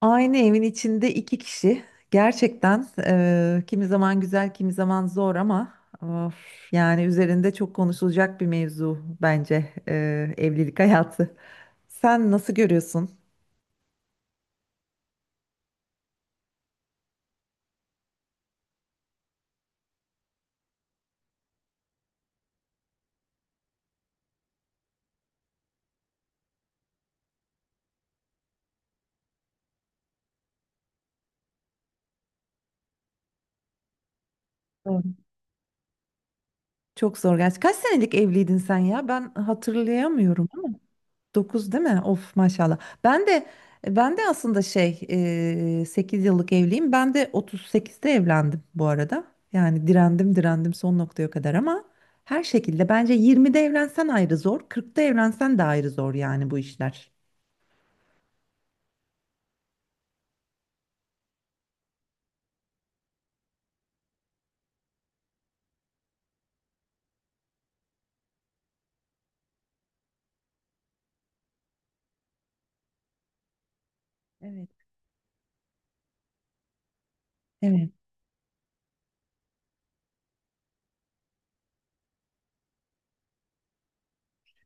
Aynı evin içinde iki kişi gerçekten kimi zaman güzel kimi zaman zor ama of, yani üzerinde çok konuşulacak bir mevzu bence evlilik hayatı. Sen nasıl görüyorsun? Evet. Çok zor gerçi. Kaç senelik evliydin sen ya? Ben hatırlayamıyorum. 9 değil mi? Of maşallah. Ben de ben de aslında 8 yıllık evliyim. Ben de otuz sekizde evlendim bu arada. Yani direndim son noktaya kadar ama her şekilde bence 20'de evlensen ayrı zor, 40'ta evlensen de ayrı zor yani bu işler. Evet. Evet.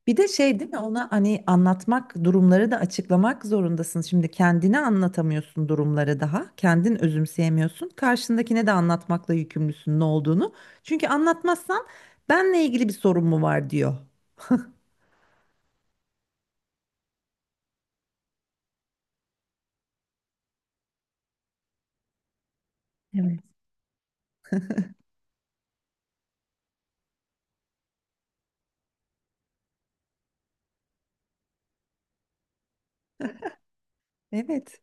Bir de şey değil mi, ona hani anlatmak, durumları da açıklamak zorundasın. Şimdi kendine anlatamıyorsun durumları daha. Kendin özümseyemiyorsun. Karşındakine de anlatmakla yükümlüsün ne olduğunu. Çünkü anlatmazsan benle ilgili bir sorun mu var, diyor. Evet. Evet.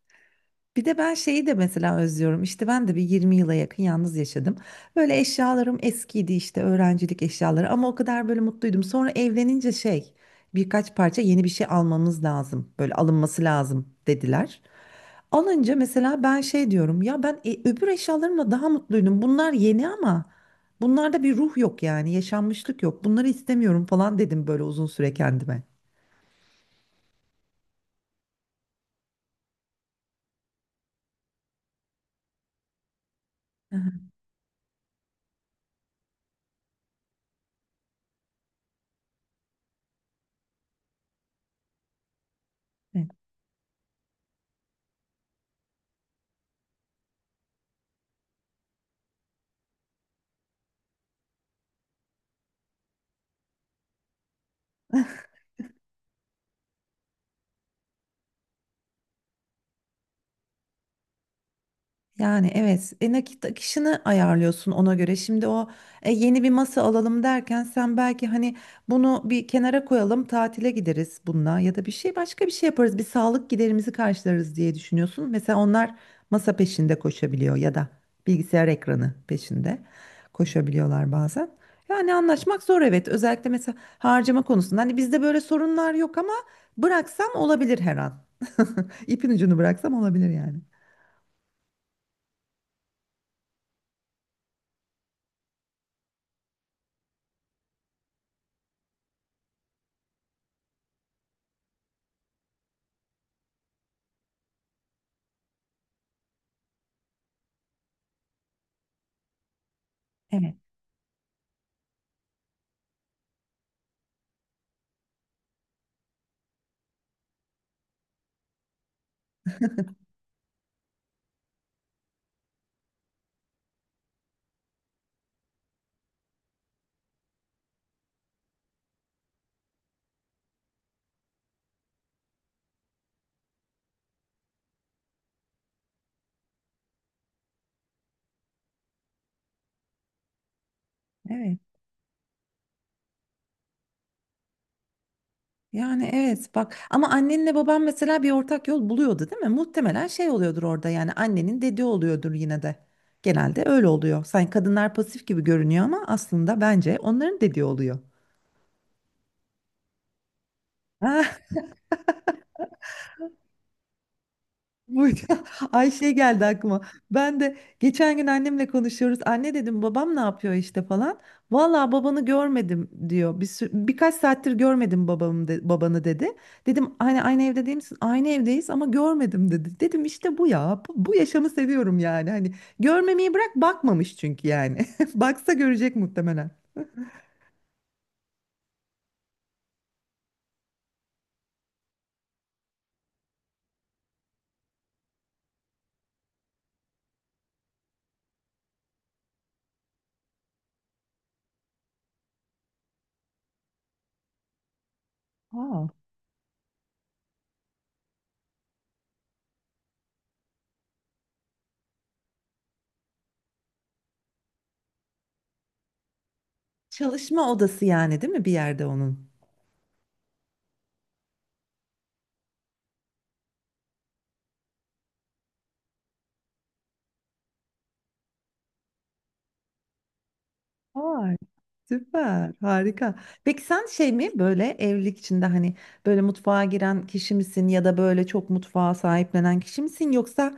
Bir de ben şeyi de mesela özlüyorum. İşte ben de bir 20 yıla yakın yalnız yaşadım. Böyle eşyalarım eskiydi, işte öğrencilik eşyaları, ama o kadar böyle mutluydum. Sonra evlenince birkaç parça yeni bir şey almamız lazım. Böyle alınması lazım, dediler. Alınca mesela ben şey diyorum ya, ben öbür eşyalarımla daha mutluydum. Bunlar yeni ama bunlarda bir ruh yok yani, yaşanmışlık yok. Bunları istemiyorum falan dedim böyle uzun süre kendime. Yani evet nakit akışını ayarlıyorsun ona göre. Şimdi o yeni bir masa alalım derken sen belki hani bunu bir kenara koyalım tatile gideriz bununla, ya da bir şey, başka bir şey yaparız, bir sağlık giderimizi karşılarız diye düşünüyorsun. Mesela onlar masa peşinde koşabiliyor ya da bilgisayar ekranı peşinde koşabiliyorlar bazen. Yani anlaşmak zor, evet, özellikle mesela harcama konusunda. Hani bizde böyle sorunlar yok ama bıraksam olabilir her an. İpin ucunu bıraksam olabilir yani. Evet, evet. Yani evet bak, ama annenle baban mesela bir ortak yol buluyordu değil mi? Muhtemelen şey oluyordur orada, yani annenin dediği oluyordur yine de. Genelde öyle oluyor. Sanki kadınlar pasif gibi görünüyor ama aslında bence onların dediği oluyor. Ha. Bu… Ay şey geldi aklıma. Ben de geçen gün annemle konuşuyoruz. Anne dedim, babam ne yapıyor işte falan. Valla babanı görmedim, diyor. Birkaç saattir görmedim babamı babanı, dedi. Dedim hani aynı evde değil misin? Aynı evdeyiz ama görmedim, dedi. Dedim işte bu ya. Bu, bu yaşamı seviyorum yani. Hani görmemeyi bırak, bakmamış çünkü yani. Baksa görecek muhtemelen. Aa. Çalışma odası yani değil mi, bir yerde onun? Süper, harika. Peki sen şey mi, böyle evlilik içinde hani böyle mutfağa giren kişi misin ya da böyle çok mutfağa sahiplenen kişi misin, yoksa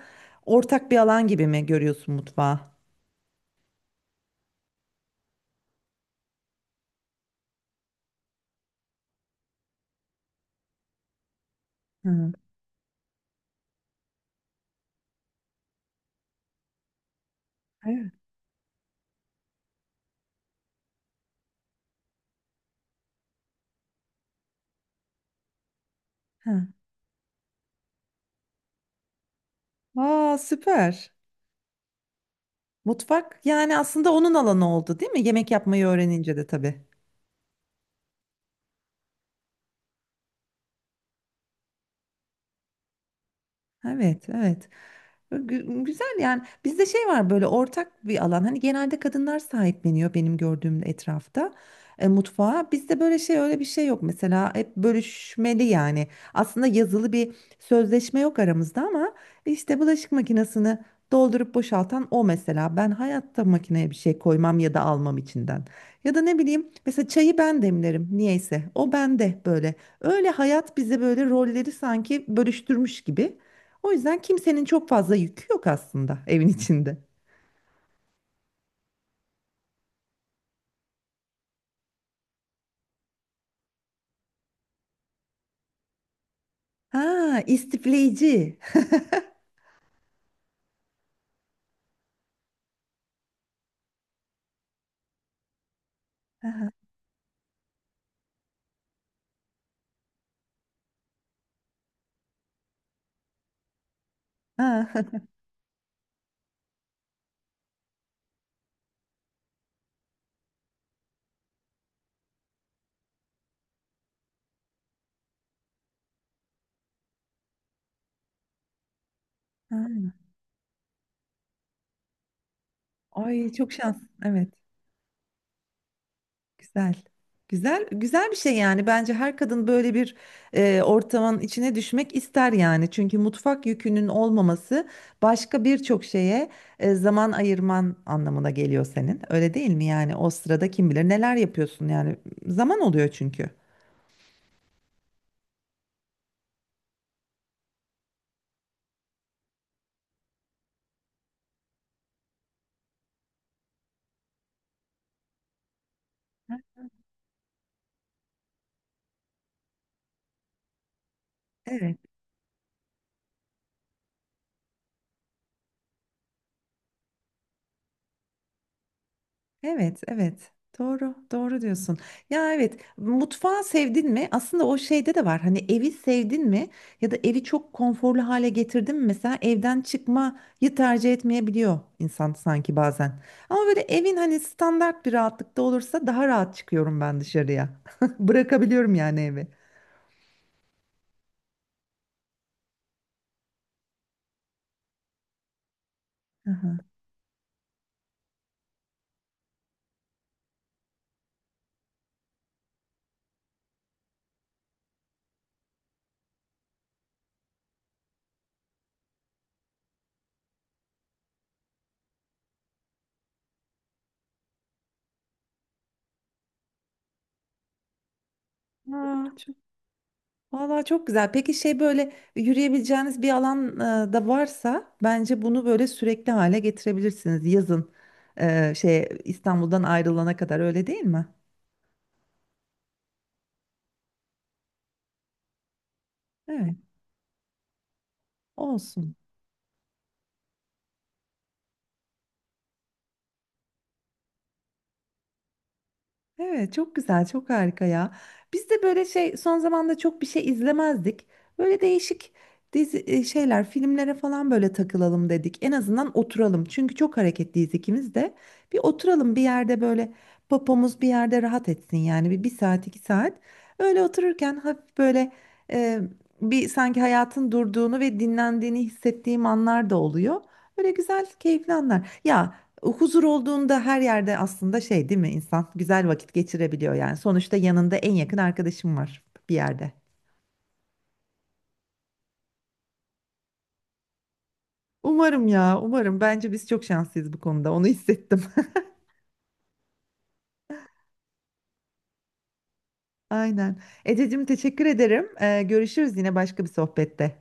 ortak bir alan gibi mi görüyorsun mutfağı? Hı. Evet. Hı. Aa, süper. Mutfak yani aslında onun alanı oldu değil mi? Yemek yapmayı öğrenince de tabii. Evet, evet. Güzel yani, bizde şey var, böyle ortak bir alan. Hani genelde kadınlar sahipleniyor benim gördüğüm etrafta, mutfağa. Bizde böyle şey, öyle bir şey yok mesela, hep bölüşmeli yani. Aslında yazılı bir sözleşme yok aramızda ama işte bulaşık makinesini doldurup boşaltan o mesela, ben hayatta makineye bir şey koymam ya da almam içinden, ya da ne bileyim, mesela çayı ben demlerim niyeyse, o bende böyle. Öyle hayat bize böyle rolleri sanki bölüştürmüş gibi. O yüzden kimsenin çok fazla yükü yok aslında evin içinde. Ha, istifleyici. Ha. Ha. Ha. Ay, çok şans. Evet, güzel. Güzel, güzel bir şey yani. Bence her kadın böyle bir ortamın içine düşmek ister yani. Çünkü mutfak yükünün olmaması başka birçok şeye zaman ayırman anlamına geliyor senin. Öyle değil mi yani? O sırada kim bilir neler yapıyorsun yani. Zaman oluyor çünkü. Evet. Evet, evet. Doğru, doğru diyorsun. Ya evet, mutfağı sevdin mi? Aslında o şeyde de var. Hani evi sevdin mi? Ya da evi çok konforlu hale getirdin mi? Mesela evden çıkmayı tercih etmeyebiliyor insan sanki bazen. Ama böyle evin hani standart bir rahatlıkta olursa daha rahat çıkıyorum ben dışarıya. Bırakabiliyorum yani evi. Aa. Vallahi çok güzel. Peki şey, böyle yürüyebileceğiniz bir alan da varsa, bence bunu böyle sürekli hale getirebilirsiniz yazın, İstanbul'dan ayrılana kadar, öyle değil mi? Evet, olsun. Evet, çok güzel, çok harika ya. Biz de böyle şey, son zamanda çok bir şey izlemezdik. Böyle değişik dizi şeyler, filmlere falan böyle takılalım dedik. En azından oturalım. Çünkü çok hareketliyiz ikimiz de. Bir oturalım bir yerde böyle, popomuz bir yerde rahat etsin yani, bir, bir saat iki saat. Öyle otururken hafif böyle, e, bir sanki hayatın durduğunu ve dinlendiğini hissettiğim anlar da oluyor. Böyle güzel, keyifli anlar. Ya, huzur olduğunda her yerde aslında şey değil mi, insan güzel vakit geçirebiliyor yani. Sonuçta yanında en yakın arkadaşım var bir yerde. Umarım ya, umarım. Bence biz çok şanslıyız bu konuda. Onu hissettim. Aynen. Ececiğim, teşekkür ederim. Görüşürüz yine başka bir sohbette.